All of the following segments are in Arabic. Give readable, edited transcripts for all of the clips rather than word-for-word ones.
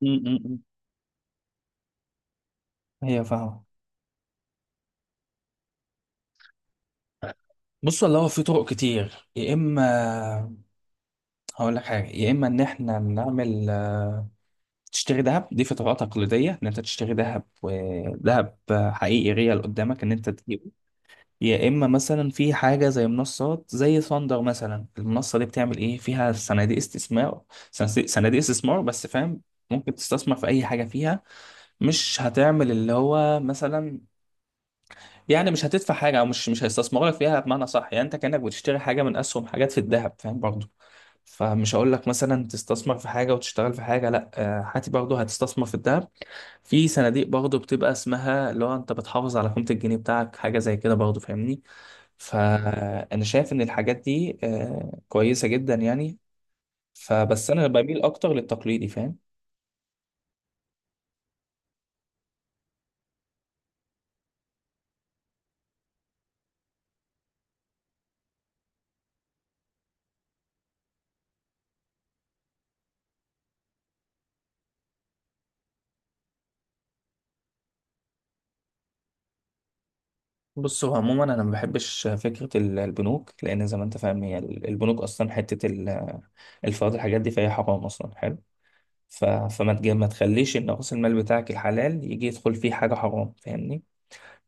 م- م- هي فاهمة. بص والله، هو في طرق كتير. يا اما هقول لك حاجه يا اما ان احنا نعمل، تشتري ذهب. دي في طريقه تقليديه، ان انت تشتري ذهب، ذهب حقيقي ريال قدامك، ان انت تجيبه. يا اما مثلا في حاجه زي منصات زي ثاندر مثلا. المنصه دي بتعمل ايه فيها؟ صناديق استثمار، صناديق استثمار بس، فاهم؟ ممكن تستثمر في اي حاجه فيها. مش هتعمل اللي هو مثلا يعني، مش هتدفع حاجه، او مش هيستثمروا لك فيها بمعنى صح يعني. انت كانك بتشتري حاجه من اسهم، حاجات في الذهب، فاهم برضو؟ فمش هقول لك مثلا تستثمر في حاجه وتشتغل في حاجه، لا هاتي برضو هتستثمر في الذهب، في صناديق برضو بتبقى اسمها اللي هو انت بتحافظ على قيمه الجنيه بتاعك، حاجه زي كده برضو، فاهمني؟ فانا شايف ان الحاجات دي كويسه جدا يعني. فبس انا بميل اكتر للتقليدي، فاهم؟ بص، هو عموما انا ما بحبش فكره البنوك، لان زي ما انت فاهم، هي البنوك اصلا الفوائد الحاجات دي، فهي حرام اصلا. حلو. ما تخليش ان راس المال بتاعك الحلال يجي يدخل فيه حاجه حرام، فاهمني؟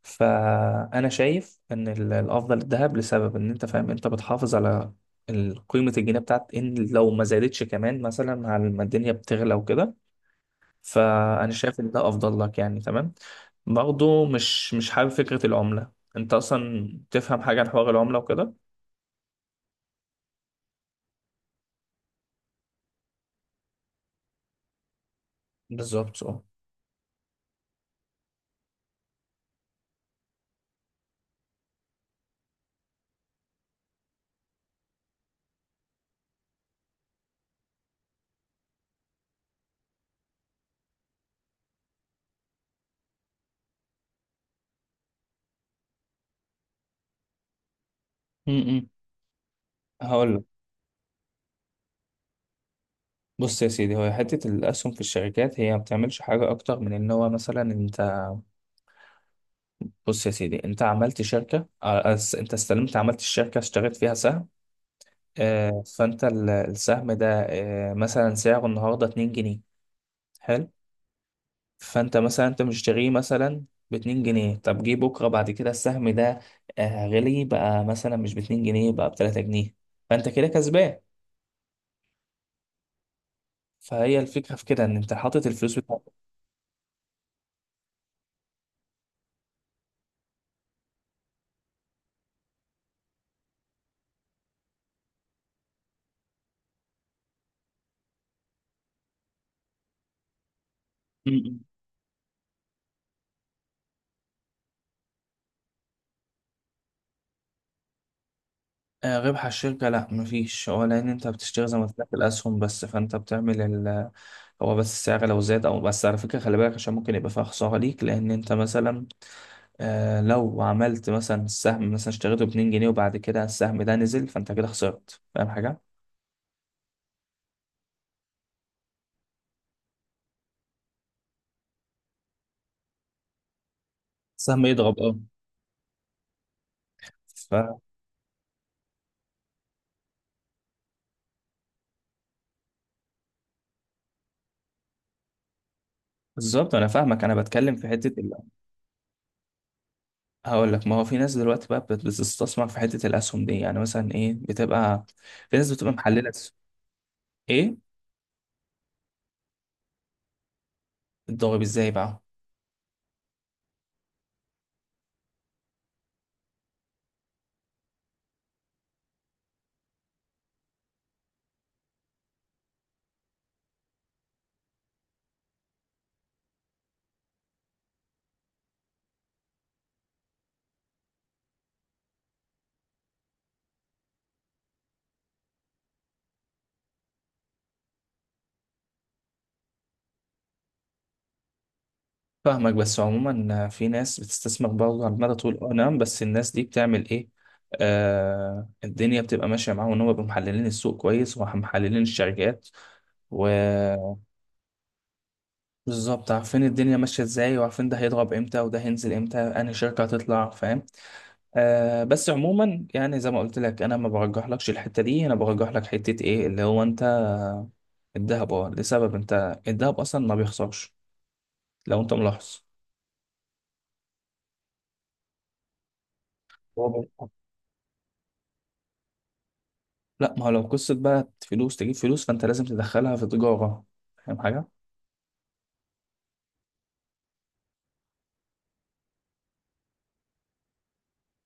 فانا شايف ان الافضل الذهب، لسبب ان انت فاهم، انت بتحافظ على قيمه الجنيه بتاعت، ان لو ما زادتش كمان، مثلا، على ما الدنيا بتغلى وكده. فانا شايف ان ده افضل لك يعني، تمام. برضه مش حابب فكره العمله. انت اصلا تفهم حاجه عن حوار العمله وكده؟ بالظبط، اه. م-م. هقول لك. بص يا سيدي، هو حته الاسهم في الشركات، هي ما بتعملش حاجه اكتر من ان هو مثلا انت. بص يا سيدي، انت عملت شركه، انت استلمت عملت الشركه، اشتريت فيها سهم. فانت السهم ده مثلا سعره النهارده 2 جنيه. حلو. فانت مثلا انت مشتريه مثلا باتنين جنيه. طب جه بكره بعد كده السهم ده غلي بقى، مثلا مش باتنين جنيه بقى بتلاتة جنيه. فانت كده كسبان. فهي الفكره في كده، ان انت حاطط الفلوس بتاعتك. م- م. آه، ربح الشركه لا، مفيش. هو لان انت بتشتري زي ما قلت لك الاسهم بس، فانت بتعمل ال. هو بس السعر لو زاد او بس. على فكره خلي بالك، عشان ممكن يبقى فيها خساره ليك. لان انت مثلا آه لو عملت مثلا السهم، مثلا اشتريته ب 2 جنيه، وبعد كده السهم ده نزل، فانت كده خسرت، فاهم حاجه؟ سهم يضرب، اه. فبالظبط انا فاهمك. انا بتكلم في حته ال... هقول لك، ما هو في ناس دلوقتي بقى بتستثمر في حته الاسهم دي يعني، مثلا ايه، بتبقى في ناس بتبقى محلله ايه؟ الضرب ازاي بقى؟ فاهمك، بس عموما في ناس بتستثمر برضه على المدى طول، اه، نعم. بس الناس دي بتعمل ايه؟ الدنيا بتبقى ماشيه معاهم، ان هم بيبقوا محللين السوق كويس ومحللين الشركات، وبالظبط. عارفين الدنيا ماشيه ازاي، وعارفين ده هيضرب امتى وده هينزل امتى، انهي شركه هتطلع، فاهم؟ آه. بس عموما يعني زي ما قلت لك، انا ما برجحلكش الحته دي، انا برجح لك حته ايه اللي هو انت. الذهب، اه، لسبب انت الذهب اصلا ما بيخسرش لو انت ملاحظ. هو بي- لا، ما هو لو قصه بقى فلوس تجيب فلوس، فانت لازم تدخلها في تجاره، فاهم حاجه؟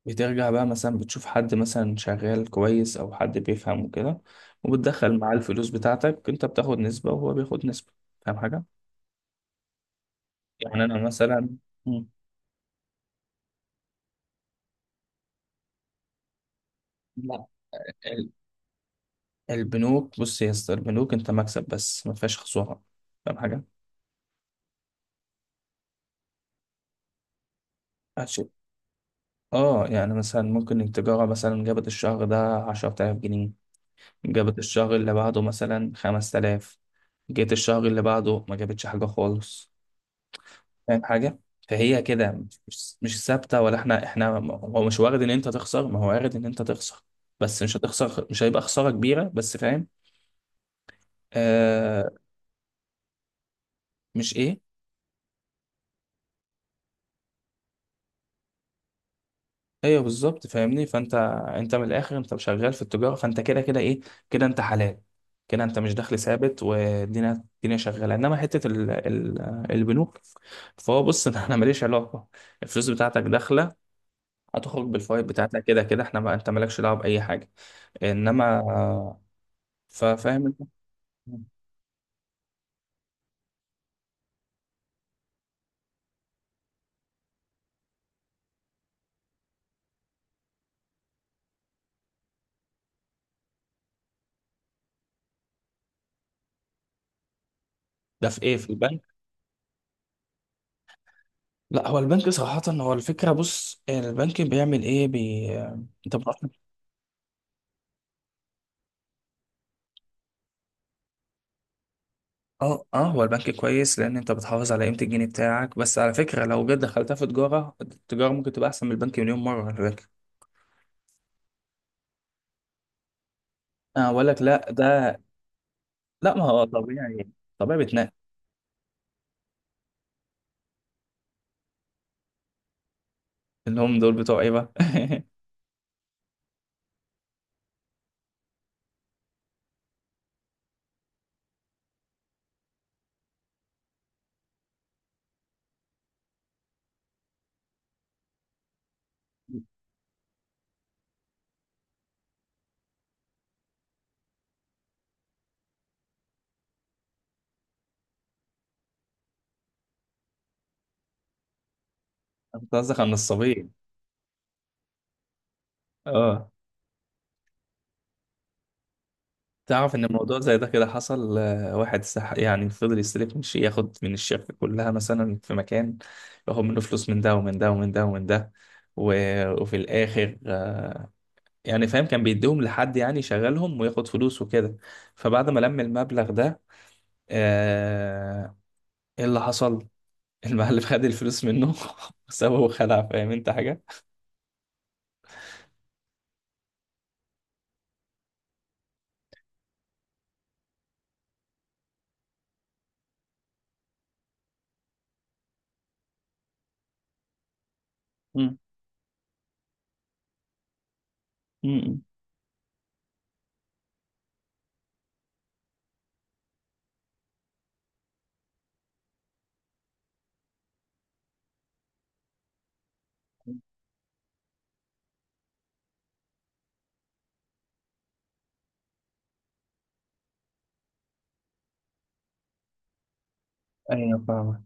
بترجع بقى مثلا بتشوف حد مثلا شغال كويس، او حد بيفهم وكده، وبتدخل معاه الفلوس بتاعتك. انت بتاخد نسبه وهو بياخد نسبه، فاهم حاجه؟ يعني انا مثلا. مم. لا، البنوك بص يا اسطى، البنوك انت مكسب بس، ما فيهاش خسارة، فاهم حاجة؟ عشان، اه، يعني مثلا ممكن التجارة مثلا جابت الشهر ده عشرة آلاف جنيه، جابت الشهر اللي بعده مثلا خمس تلاف، جيت الشهر اللي بعده ما جابتش حاجة خالص، فاهم حاجة؟ فهي كده مش ثابتة. ولا احنا هو مش وارد ان انت تخسر، ما هو وارد ان انت تخسر، بس مش هتخسر، مش هيبقى خسارة كبيرة، بس فاهم؟ آه. مش ايه؟ ايوه بالظبط، فاهمني؟ فانت انت من الاخر انت شغال في التجاره، فانت كده كده ايه، كده انت حلال، كده انت مش دخل ثابت، والدنيا الدنيا شغاله. انما حته ال... ال... البنوك، فهو بص انا ماليش علاقه، الفلوس بتاعتك داخله، هتخرج بالفوائد بتاعتك، كده كده احنا، ما انت مالكش دعوه باي حاجه. انما فاهم انت. ده في ايه في البنك؟ لا، هو البنك صراحه، هو الفكره بص، البنك بيعمل ايه انت بتروح. اه، اه، هو البنك كويس لان انت بتحافظ على قيمه الجنيه بتاعك، بس على فكره لو جد دخلتها في تجاره، التجاره ممكن تبقى احسن من البنك مليون مره، على فكره. اه اقول لك، لا ده، لا، ما هو طبيعي، طبيعي بتنقل. اللي هم دول بتوع ايه بقى؟ انت قصدك على النصابين. اه. تعرف ان الموضوع زي ده كده حصل. واحد سح يعني، فضل يستلف من شيء، ياخد من الشركه كلها مثلا في مكان، ياخد منه فلوس، من ده ومن ده ومن ده ومن ده، و... وفي الاخر، يعني فاهم كان بيديهم لحد يعني يشغلهم وياخد فلوس وكده. فبعد ما لم المبلغ ده، آه، ايه اللي حصل؟ المقلب خد الفلوس منه وسابه وخلع، فاهم انت حاجة؟ مم. م-م. ايوه فاهمة.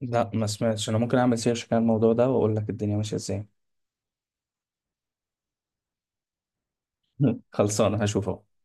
لا ما سمعتش. انا ممكن اعمل سيرش كده على الموضوع ده واقول لك الدنيا ماشية ازاي. خلصانة، هشوف اهو.